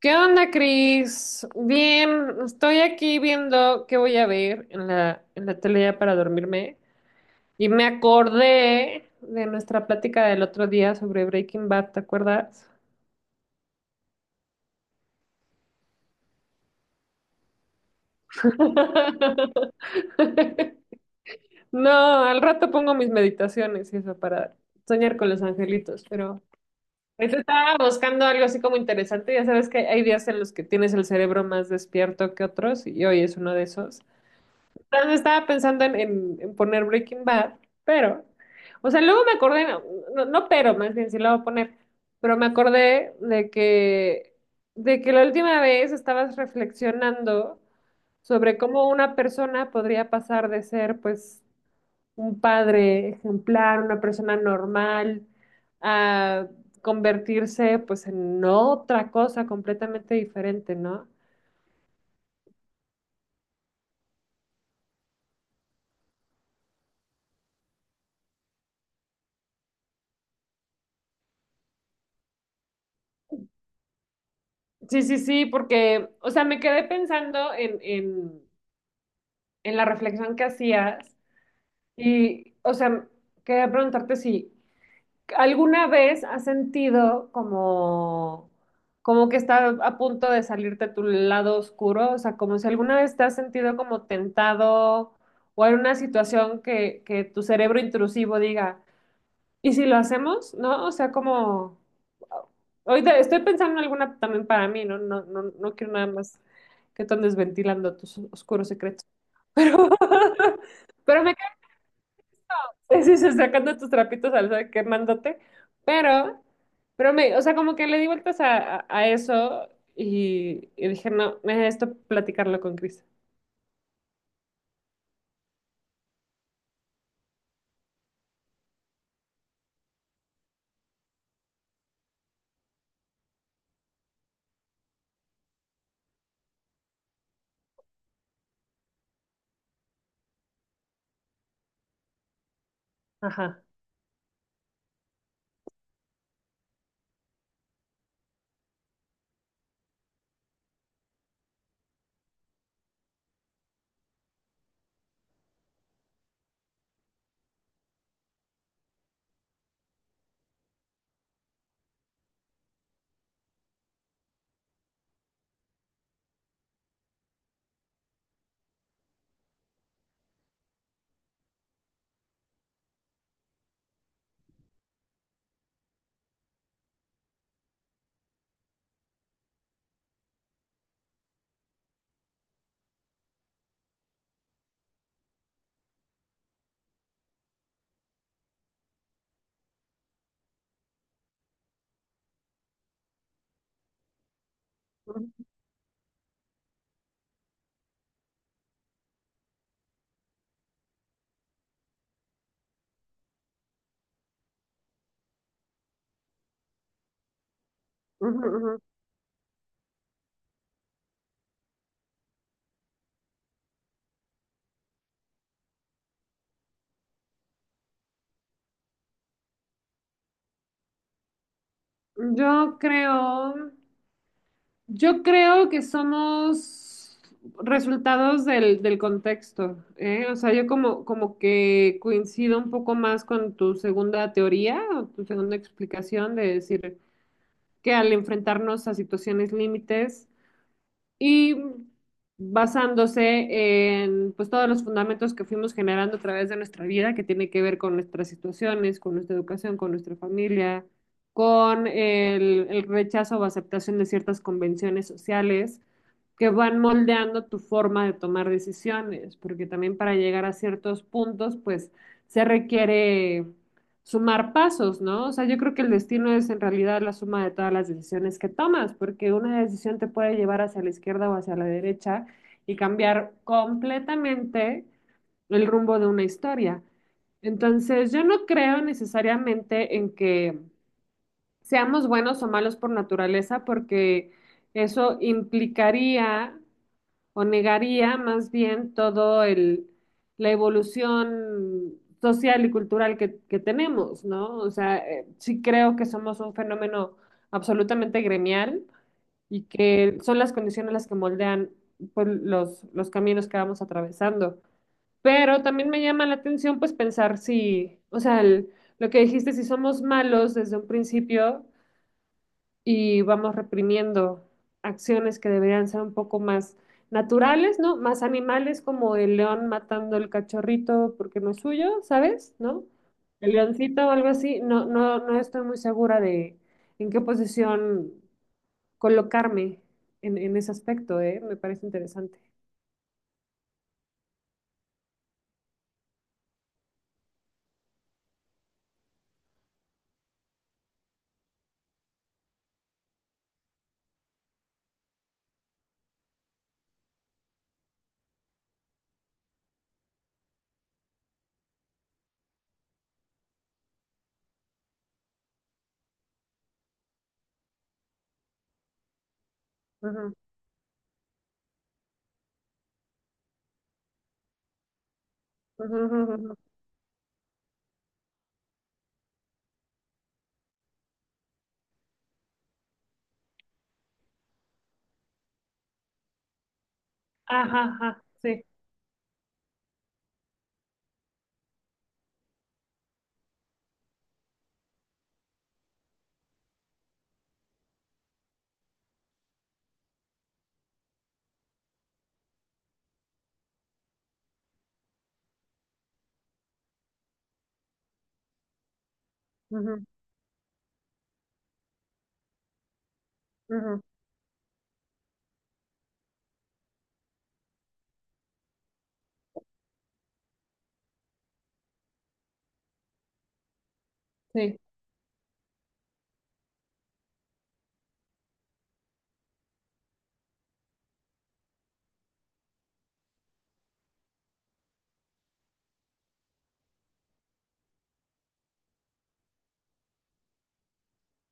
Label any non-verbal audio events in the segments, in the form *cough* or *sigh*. ¿Qué onda, Cris? Bien, estoy aquí viendo qué voy a ver en la tele ya para dormirme y me acordé de nuestra plática del otro día sobre Breaking Bad, ¿te acuerdas? *laughs* No, al rato pongo mis meditaciones y eso para soñar con los angelitos, pero pues estaba buscando algo así como interesante. Ya sabes que hay días en los que tienes el cerebro más despierto que otros y hoy es uno de esos. Entonces, estaba pensando en poner Breaking Bad, pero, o sea, luego me acordé, no, no pero, más bien sí lo voy a poner, pero me acordé de que la última vez estabas reflexionando sobre cómo una persona podría pasar de ser, pues, un padre ejemplar, una persona normal, a convertirse, pues, en otra cosa completamente diferente, ¿no? Sí, sí, sí, porque, o sea, me quedé pensando en la reflexión que hacías y, o sea, quería preguntarte si alguna vez has sentido como, como que está a punto de salirte tu lado oscuro, o sea, como si alguna vez te has sentido como tentado o hay una situación que tu cerebro intrusivo diga, ¿y si lo hacemos? ¿No? O sea, como... Ahorita estoy pensando en alguna también para mí, ¿no? No quiero nada más que tú andes ventilando tus oscuros secretos. Pero, *laughs* pero me *laughs* sí, sí, sacando tus trapitos al sol, quemándote, pero, pero me, o sea, como que le di vueltas a eso y dije, no, esto platicarlo con Chris. Ajá. Ujú, ujú, ujú. Yo creo, yo creo que somos resultados del contexto, ¿eh? O sea, yo como, como que coincido un poco más con tu segunda teoría o tu segunda explicación de decir que al enfrentarnos a situaciones límites, y basándose en pues todos los fundamentos que fuimos generando a través de nuestra vida, que tiene que ver con nuestras situaciones, con nuestra educación, con nuestra familia, con el rechazo o aceptación de ciertas convenciones sociales que van moldeando tu forma de tomar decisiones, porque también para llegar a ciertos puntos, pues se requiere sumar pasos, ¿no? O sea, yo creo que el destino es en realidad la suma de todas las decisiones que tomas, porque una decisión te puede llevar hacia la izquierda o hacia la derecha y cambiar completamente el rumbo de una historia. Entonces, yo no creo necesariamente en que seamos buenos o malos por naturaleza, porque eso implicaría o negaría más bien todo el, la evolución social y cultural que tenemos, ¿no? O sea, sí creo que somos un fenómeno absolutamente gremial y que son las condiciones las que moldean pues, los caminos que vamos atravesando. Pero también me llama la atención pues pensar si, o sea, el- lo que dijiste, si somos malos desde un principio, y vamos reprimiendo acciones que deberían ser un poco más naturales, ¿no? Más animales como el león matando el cachorrito porque no es suyo, ¿sabes? ¿No? El leoncito o algo así. No estoy muy segura de en qué posición colocarme en ese aspecto, ¿eh? Me parece interesante. Ujú, ujú, ujú, ujú. Ajá, ajá, sí. Ujú, ujú, sí.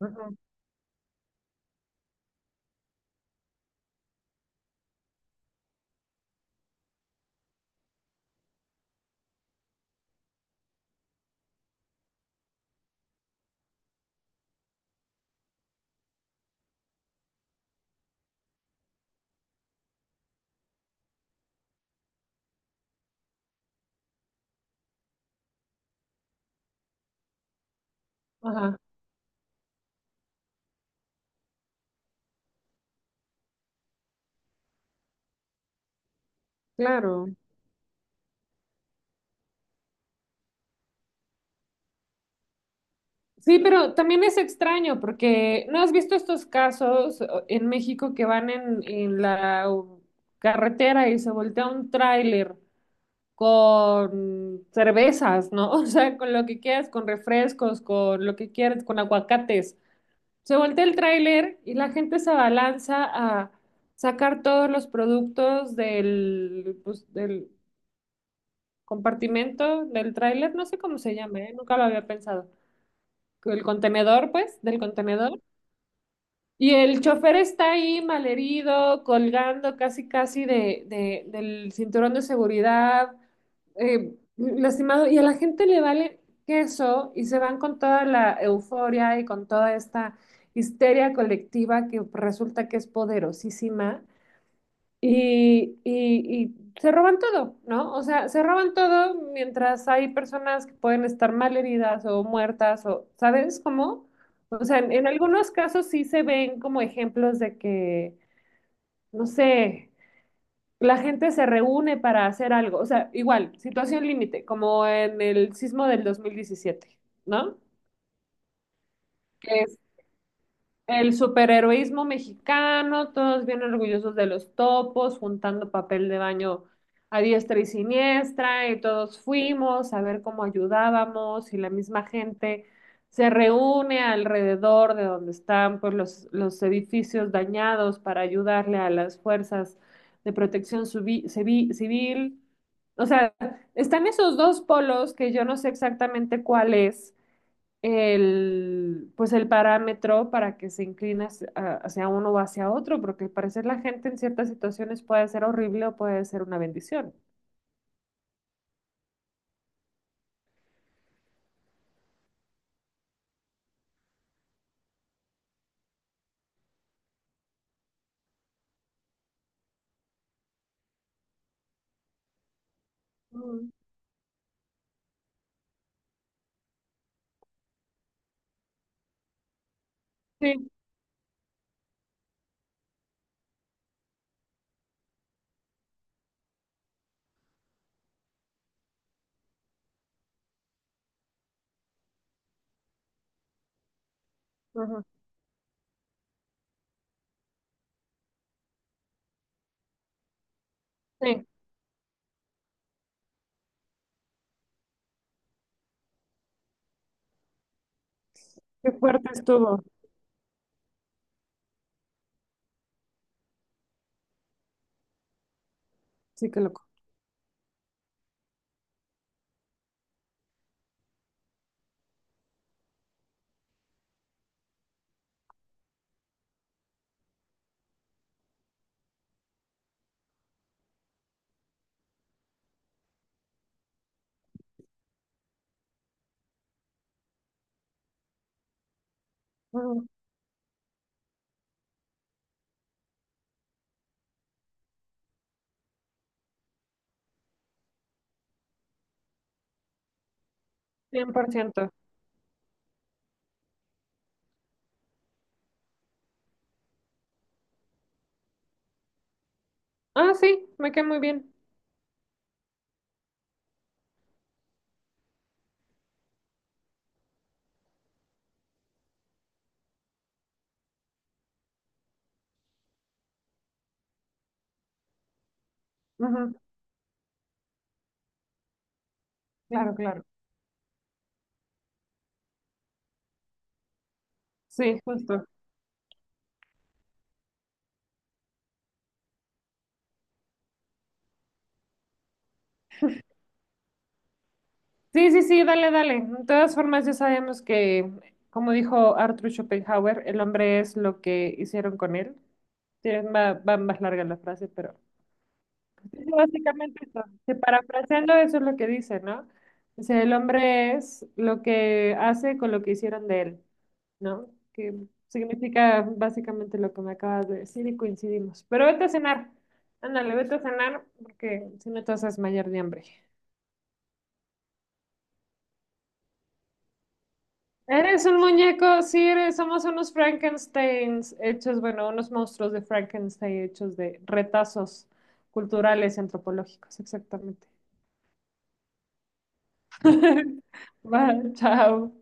Ujú, ajá, claro. Sí, pero también es extraño porque ¿no has visto estos casos o- en México que van en la u- carretera y se voltea un tráiler con cervezas, ¿no? *laughs* O sea, con lo que quieras, con refrescos, con lo que quieras, con aguacates. Se voltea el tráiler y la gente se abalanza a sacar todos los productos del, pues, del compartimento del tráiler, no sé cómo se llama, ¿eh? Nunca lo había pensado. El contenedor, pues, del contenedor. Y el chofer está ahí malherido, colgando casi casi de- del cinturón de seguridad, lastimado, y a la gente le vale queso y se van con toda la euforia y con toda esta histeria colectiva que resulta que es poderosísima y, y se roban todo, ¿no? O sea, se roban todo mientras hay personas que pueden estar mal heridas o muertas o, ¿sabes cómo? O sea, en algunos casos sí se ven como ejemplos de que, no sé, la gente se reúne para hacer algo. O sea, igual, situación límite, como en el sismo del 2017, ¿no? Que el superheroísmo mexicano, todos bien orgullosos de los topos, juntando papel de baño a diestra y siniestra, y todos fuimos a ver cómo ayudábamos, y la misma gente se reúne alrededor de donde están pues, los edificios dañados para ayudarle a las fuerzas de protección subi- civi- civil. O sea, están esos dos polos que yo no sé exactamente cuál es el, pues el parámetro para que se incline hacia, hacia uno o hacia otro, porque al parecer la gente en ciertas situaciones puede ser horrible o puede ser una bendición. Mm, sí, ajá. Sí, qué fuerte estuvo. Sí, qué loco. Ujú. 100%. Ah, sí, me quedé muy bien. Ujú, claro, claro. Sí, justo. Sí, sí, sí, dale, dale. De todas formas, ya sabemos que, como dijo Arthur Schopenhauer, el hombre es lo que hicieron con él. Tiene- Va, va más larga la frase, pero sí, básicamente eso. Que parafraseando eso es lo que dice, ¿no? Dice, el hombre es lo que hace con lo que hicieron de él, ¿no? Que significa básicamente lo que me acabas de decir y coincidimos. Pero vete a cenar. Ándale, vete a cenar porque si no te vas a desmayar de hambre. Eres un muñeco, sí, eres, somos unos Frankensteins hechos, bueno, unos monstruos de Frankenstein hechos de retazos culturales y antropológicos, exactamente. *laughs* Va, chao.